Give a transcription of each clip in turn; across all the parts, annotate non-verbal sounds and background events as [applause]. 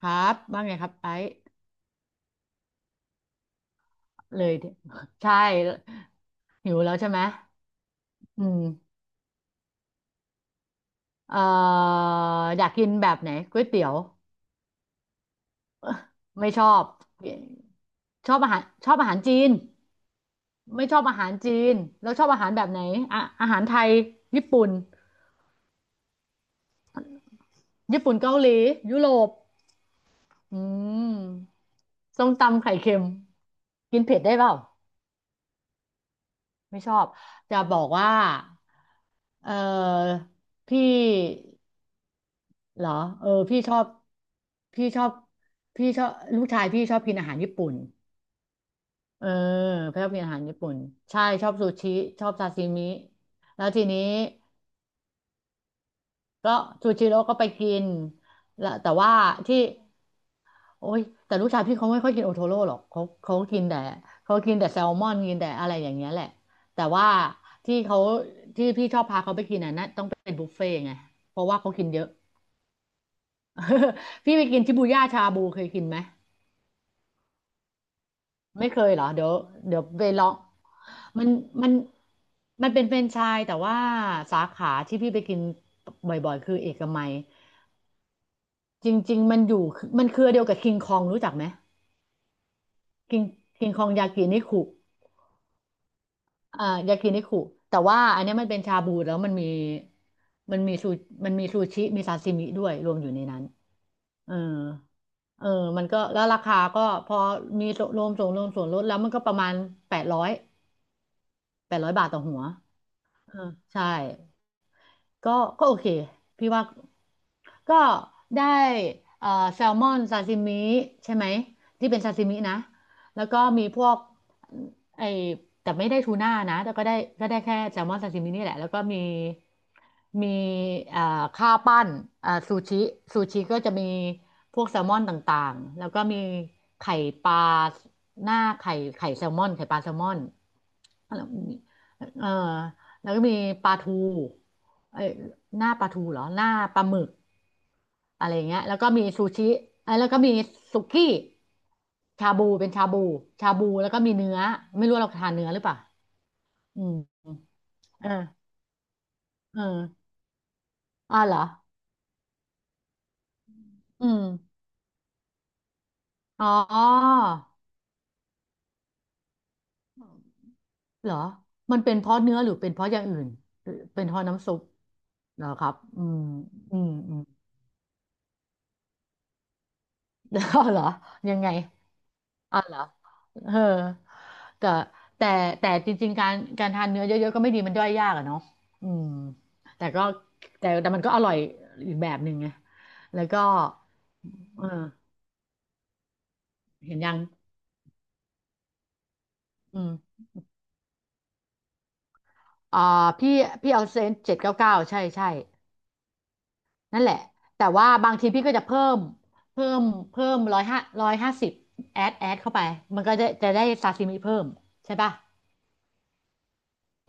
ครับว่าไงครับไอ้เลยดิ [laughs] ใช่หิวแล้วใช่ไหมอืมเอ่ออยากกินแบบไหนก๋วยเตี๋ยวไม่ชอบชอบอาหารจีนไม่ชอบอาหารจีนแล้วชอบอาหารแบบไหนอะอาหารไทยญี่ปุ่นญี่ปุ่นเกาหลียุโรปอืมส้มตำไข่เค็มกินเผ็ดได้เปล่าไม่ชอบจะบอกว่าเออพี่ เหรอเออพี่ชอบพี่ชอบลูกชายพี่ชอบกินอาหารญี่ปุ่นเออพี่ชอบกินอาหารญี่ปุ่นใช่ชอบซูชิชอบซาซิมิแล้วทีนี้ก็ซูชิโร่ก็ไปกินแล้วแต่ว่าที่โอ๊ยแต่ลูกชายพี่เขาไม่ค่อยกินโอโทโร่หรอกเขากินแต่เขากินแต่แซลมอนกินแต่อะไรอย่างเงี้ยแหละแต่ว่าที่เขาที่พี่ชอบพาเขาไปกินอ่ะนะต้องเป็นบุฟเฟ่ต์ไงเพราะว่าเขากินเยอะ [laughs] พี่ไปกินชิบูย่าชาบูเคยกินไหม ไม่เคยเหรอเดี๋ยวไปลองมันมันมันเป็นแฟรนไชส์แต่ว่าสาขาที่พี่ไปกินบ่อยๆคือเอกมัยจริงๆมันอยู่มันเครือเดียวกับคิงคองรู้จักไหมคิงคิงคองยากินิคุอ่ายากินิคุแต่ว่าอันเนี้ยมันเป็นชาบูแล้วมันมีมันมีซูมันมีซูชิมีซาซิมิด้วยรวมอยู่ในนั้นเออเออมันก็แล้วราคาก็พอมีรวมส่วนลดแล้วมันก็ประมาณแปดร้อย800 บาทต่อหัวเออใช่ ก็ก็โอเคพี่ว่าก็ได้เอ่อแซลมอนซาซิมิใช่ไหมที่เป็นซาซิมินะแล้วก็มีพวกไอแต่ไม่ได้ทูน่านะแต่ก็ได้แค่แซลมอนซาซิมินี่แหละแล้วก็มีมีเอ่อข้าวปั้นซูชิซูชิก็จะมีพวกแซลมอนต่างๆแล้วก็มีไข่ปลาหน้าไข่ไข่แซลมอนไข่ปลาแซลมอน แล้วมีเออแล้วก็มีปลาทูเอ้ยหน้าปลาทูเหรอหน้าปลาหมึกอะไรอย่างเงี้ยแล้วก็มีซูชิเอ้ยแล้วก็มีสุกี้ชาบูเป็นชาบูชาบูแล้วก็มีเนื้อไม่รู้เราทานเนื้อหรือเปล่าอืมเออเอออ่าเหรออืมอ๋อเหรอมันเป็นเพราะเนื้อหรือเป็นเพราะอย่างอื่นหรือเป็นเพราะน้ำซุปเหรอครับอืมอืม [laughs] อืมแล้วเหรอยังไง อ๋อเหรอเออแต่แต่แต่จริงๆการทานเนื้อเยอะๆก็ไม่ดีมันย่อยยากอะเนาะอืมแต่ก็แต่มันก็อร่อยอีกแบบหนึ่งไงแล้วก็เออเห็นยังอืมอ่าพี่พี่เอาเซน799ใช่ใช่นั่นแหละแต่ว่าบางทีพี่ก็จะเพิ่มเพิ่มเพิ่ม150แอดเข้าไปมันก็จะได้ซาซิมิเพิ่มใช่ป่ะ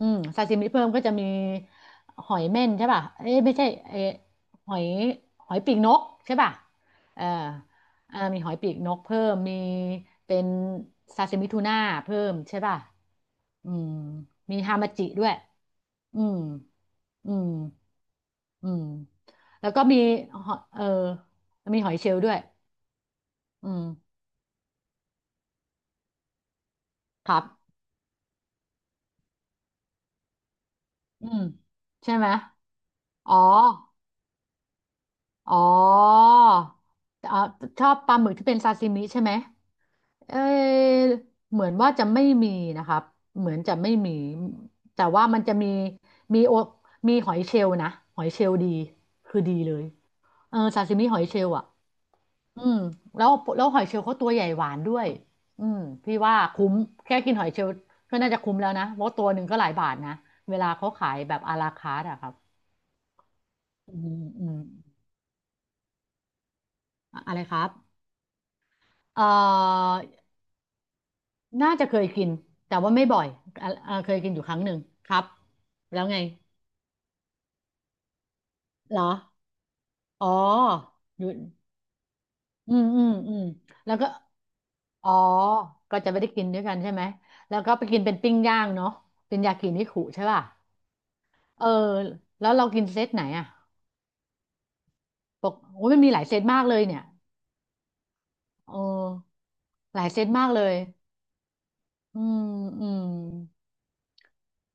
อืมซาซิมิเพิ่มก็จะมีหอยเม่นใช่ป่ะเอ้ยไม่ใช่เอ้ยหอยหอยปีกนกใช่ป่ะเออเออมีหอยปีกนกเพิ่มมีเป็นซาซิมิทูน่าเพิ่มใช่ป่ะอืมมีฮามาจิด้วยอืมอืมอืมแล้วก็มีหอยเออมีหอยเชลล์ด้วยอืมครับอืมใช่ไหมอ๋ออ๋อเอ่อชอบปลาหมึกที่เป็นซาซิมิใช่ไหม เออเหมือนว่าจะไม่มีนะครับเหมือนจะไม่มีแต่ว่ามันจะมีมีโอมีหอยเชลล์นะหอยเชลล์ดีคือดีเลยเออซาซิมิหอยเชลล์อ่ะอืมแล้วหอยเชลล์เขาตัวใหญ่หวานด้วยอืมพี่ว่าคุ้มแค่กินหอยเชลล์ก็น่าจะคุ้มแล้วนะเพราะตัวหนึ่งก็หลายบาทนะเวลาเขาขายแบบอาราคาร์ทอะครับอืมอืมอะอะไรครับเอ่อน่าจะเคยกินแต่ว่าไม่บ่อยอ่ะเคยกินอยู่ครั้งหนึ่งครับแล้วไง เหรออ๋ออยู่อืมอืมอืม แล้วก็อ๋อก็จะไม่ได้กินด้วยกันใช่ไหม แล้วก็ไปกินเป็นปิ้งย่างเนาะเป็นยากินิคุใช่ป่ะเออแล้วเรากินเซตไหนอ่ะปกโอ้ยมันมีหลายเซตมากเลยเนี่ยเออหลายเซตมากเลย อืมอืม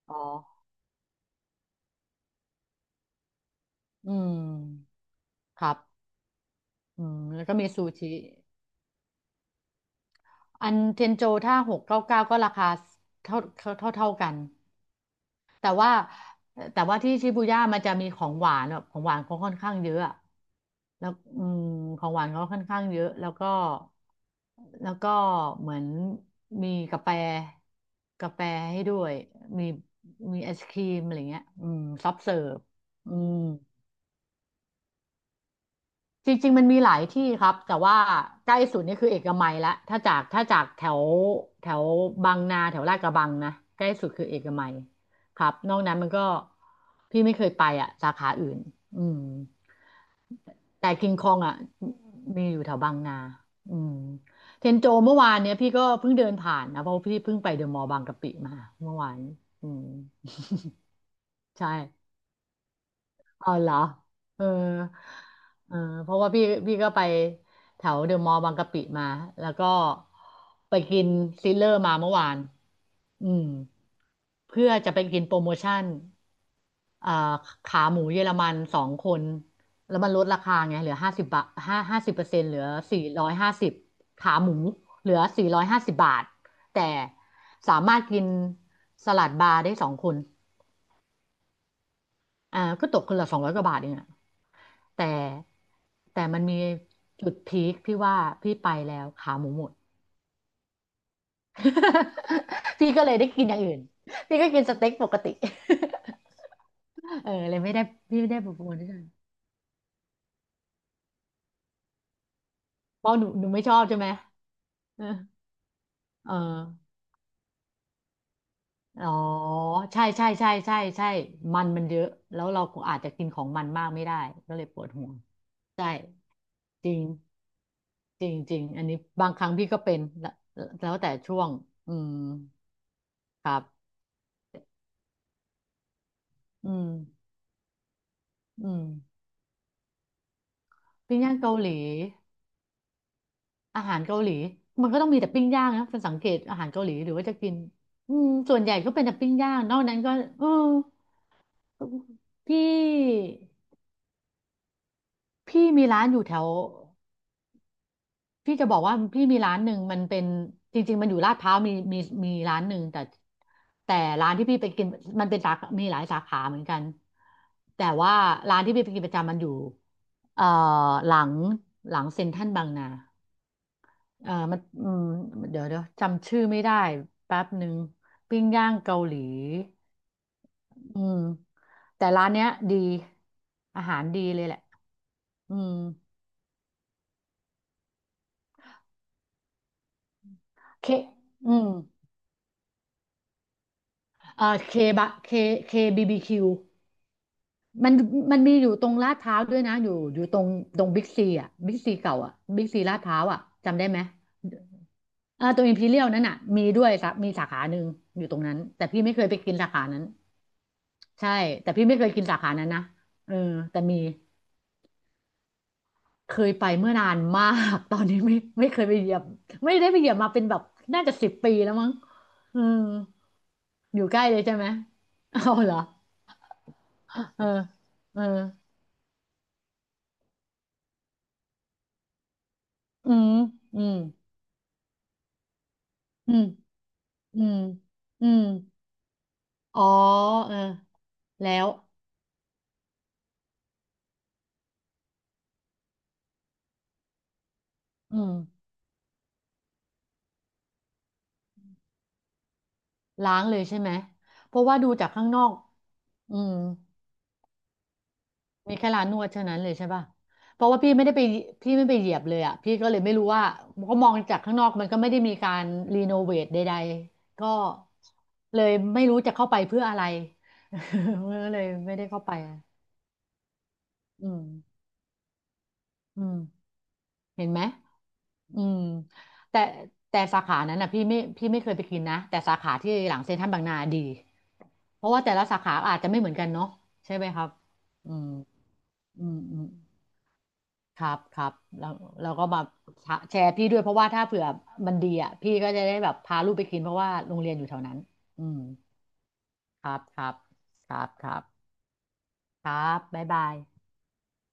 อ๋ออืมครับอืมแล้วก็มีซูชิอันเทนโจถ้า699ก็ราคาเท่ากัน แต่ว่าแต่ว่าที่ชิบูย่ามันจะมีของหวานแบบของหวานเขาค่อนข้างเยอะอะแล้วอืมของหวานเขาค่อนข้างเยอะแล้วก็แล้วก็เหมือนมีกาแฟกาแฟให้ด้วยมีมีไอศครีมอะไรเงี้ยอืมซอฟเสิร์ฟอืม จริงๆมันมีหลายที่ครับแต่ว่าใกล้สุดนี่คือเอกมัยละถ้าจากแถวแถวบางนาแถวลาดกระบังนะใกล้สุดคือเอกมัยครับนอกนั้นมันก็พี่ไม่เคยไปอ่ะสาขาอื่นอืมแต่คิงคองอ่ะมีอยู่แถวบางนาอืมเทนโจเมื่อวานเนี้ยพี่ก็เพิ่งเดินผ่านนะเพราะว่าพี่เพิ่งไปเดอะมอลล์บางกะปิมาเมื่อวานอืมใช่ อ๋อเหรอเออเออเพราะว่าพี่ก็ไปแถวเดอะมอลล์บางกะปิมา แล้วก็ไปกินซิลเลอร์มาเมื่อวานอืมเพื่อจะไปกินโปรโมชั่นเอ่าขาหมูเยอรมันสองคน แล้วมันลดราคาไงเหลือห้าสิบบาท50%เหลือสี่ร้อยห้าสิบขาหมูเหลือ450 บาทแต่สามารถกินสลัดบาร์ได้สองคน ก็ตกคนละ200 กว่าบาทเองอะแต่แต่มันมีจุดพีคที่ว่าพี่ไปแล้วขาหมูหมด [laughs] พี่ก็เลยได้กินอย่างอื่นพี่ก็กินสเต็กปกติ [laughs] เออเลยไม่ได้พี่ไม่ได้ประมูลด้วยกันเพราะหนูไม่ชอบใช่ไหมเออเอออ๋อใช่ใช่ใช่ใช่ใช่มันเยอะแล้วเราก็อาจจะกินของมันมากไม่ได้ก็เลยปวดหัวใช่จริงจริงจริงอันนี้บางครั้งพี่ก็เป็นแล้วแล้วแต่ช่วงอืมครับ อืมอืมปิ้งย่างเกาหลีอาหารเกาหลีมันก็ต้องมีแต่ปิ้งย่างนะเป็นสังเกตอาหารเกาหลีหรือว่าจะกินอืมส่วนใหญ่ก็เป็นแต่ปิ้งย่างนอกนั้นก็เออพี่พี่มีร้านอยู่แถวพี่จะบอกว่าพี่มีร้านหนึ่งมันเป็นจริงๆมันอยู่ลาดพร้าวมีร้านหนึ่งแต่แต่ร้านที่พี่ไปกินมันเป็นสาขามีหลายสาขาเหมือนกันแต่ว่าร้านที่พี่ไปกินประจำมันอยู่เอ่อหลังหลังเซ็นทรัลบางนา มันอืมเดี๋ยวจำชื่อไม่ได้แป๊บหนึ่งปิ้งย่างเกาหลีอืมแต่ร้านเนี้ยดีอาหารดีเลยแหละอืมเคอืมเอ่อเคบะเคเคบีบีคิวมันมีอยู่ตรงลาดพร้าวด้วยนะอยู่ตรงบิ๊กซีอ่ะบิ๊กซีเก่าอ่ะบิ๊กซีลาดพร้าวอ่ะจำได้ไหมเอ่าตรงอิมพีเรียลนั่นอ่ะมีด้วยสามีสาขาหนึ่งอยู่ตรงนั้นแต่พี่ไม่เคยไปกินสาขานั้น ใช่แต่พี่ไม่เคยกินสาขานั้นนะเออแต่มีเคยไปเมื่อนานมาก [laughs] ตอนนี้ไม่ไม่เคยไปเหยียบไม่ได้ไปเหยียบมาเป็นแบบน่าจะ10 ปีแล้วมั้งเอออยู่ใกล้เลยใช่ไหม [laughs] เอาเหรอเออเอออืมอืมอืมอืมอืมอ๋อเออแล้วอืมล้างเลยใช่ไหมเพราะว่าดูจากข้างนอกอืม มีแค่ร้านนวดเท่านั้นเลยใช่ป่ะเพราะว่าพี่ไม่ได้ไปพี่ไม่ไปเหยียบเลยอ่ะพี่ก็เลยไม่รู้ว่าเพราะมองจากข้างนอกมันก็ไม่ได้มีการรีโนเวทใดๆก็เลยไม่รู้จะเข้าไปเพื่ออะไร [laughs] ก็เลยไม่ได้เข้าไปอะอืมอืมเห็นไหมอืมแต่สาขานั้นอ่ะพี่ไม่เคยไปกินนะแต่สาขาที่หลังเซ็นทรัลบางนาดีเพราะว่าแต่ละสาขาอาจจะไม่เหมือนกันเนาะใช่ไหมครับอืมอืมอืม ครับครับแล้วเราก็มาแชร์พี่ด้วยเพราะว่าถ้าเผื่อมันดีอ่ะพี่ก็จะได้แบบพาลูกไปกินเพราะว่าโรงเรียนอยู่แถวนั้นอืมครับครับครับครับครับบ๊ายบาย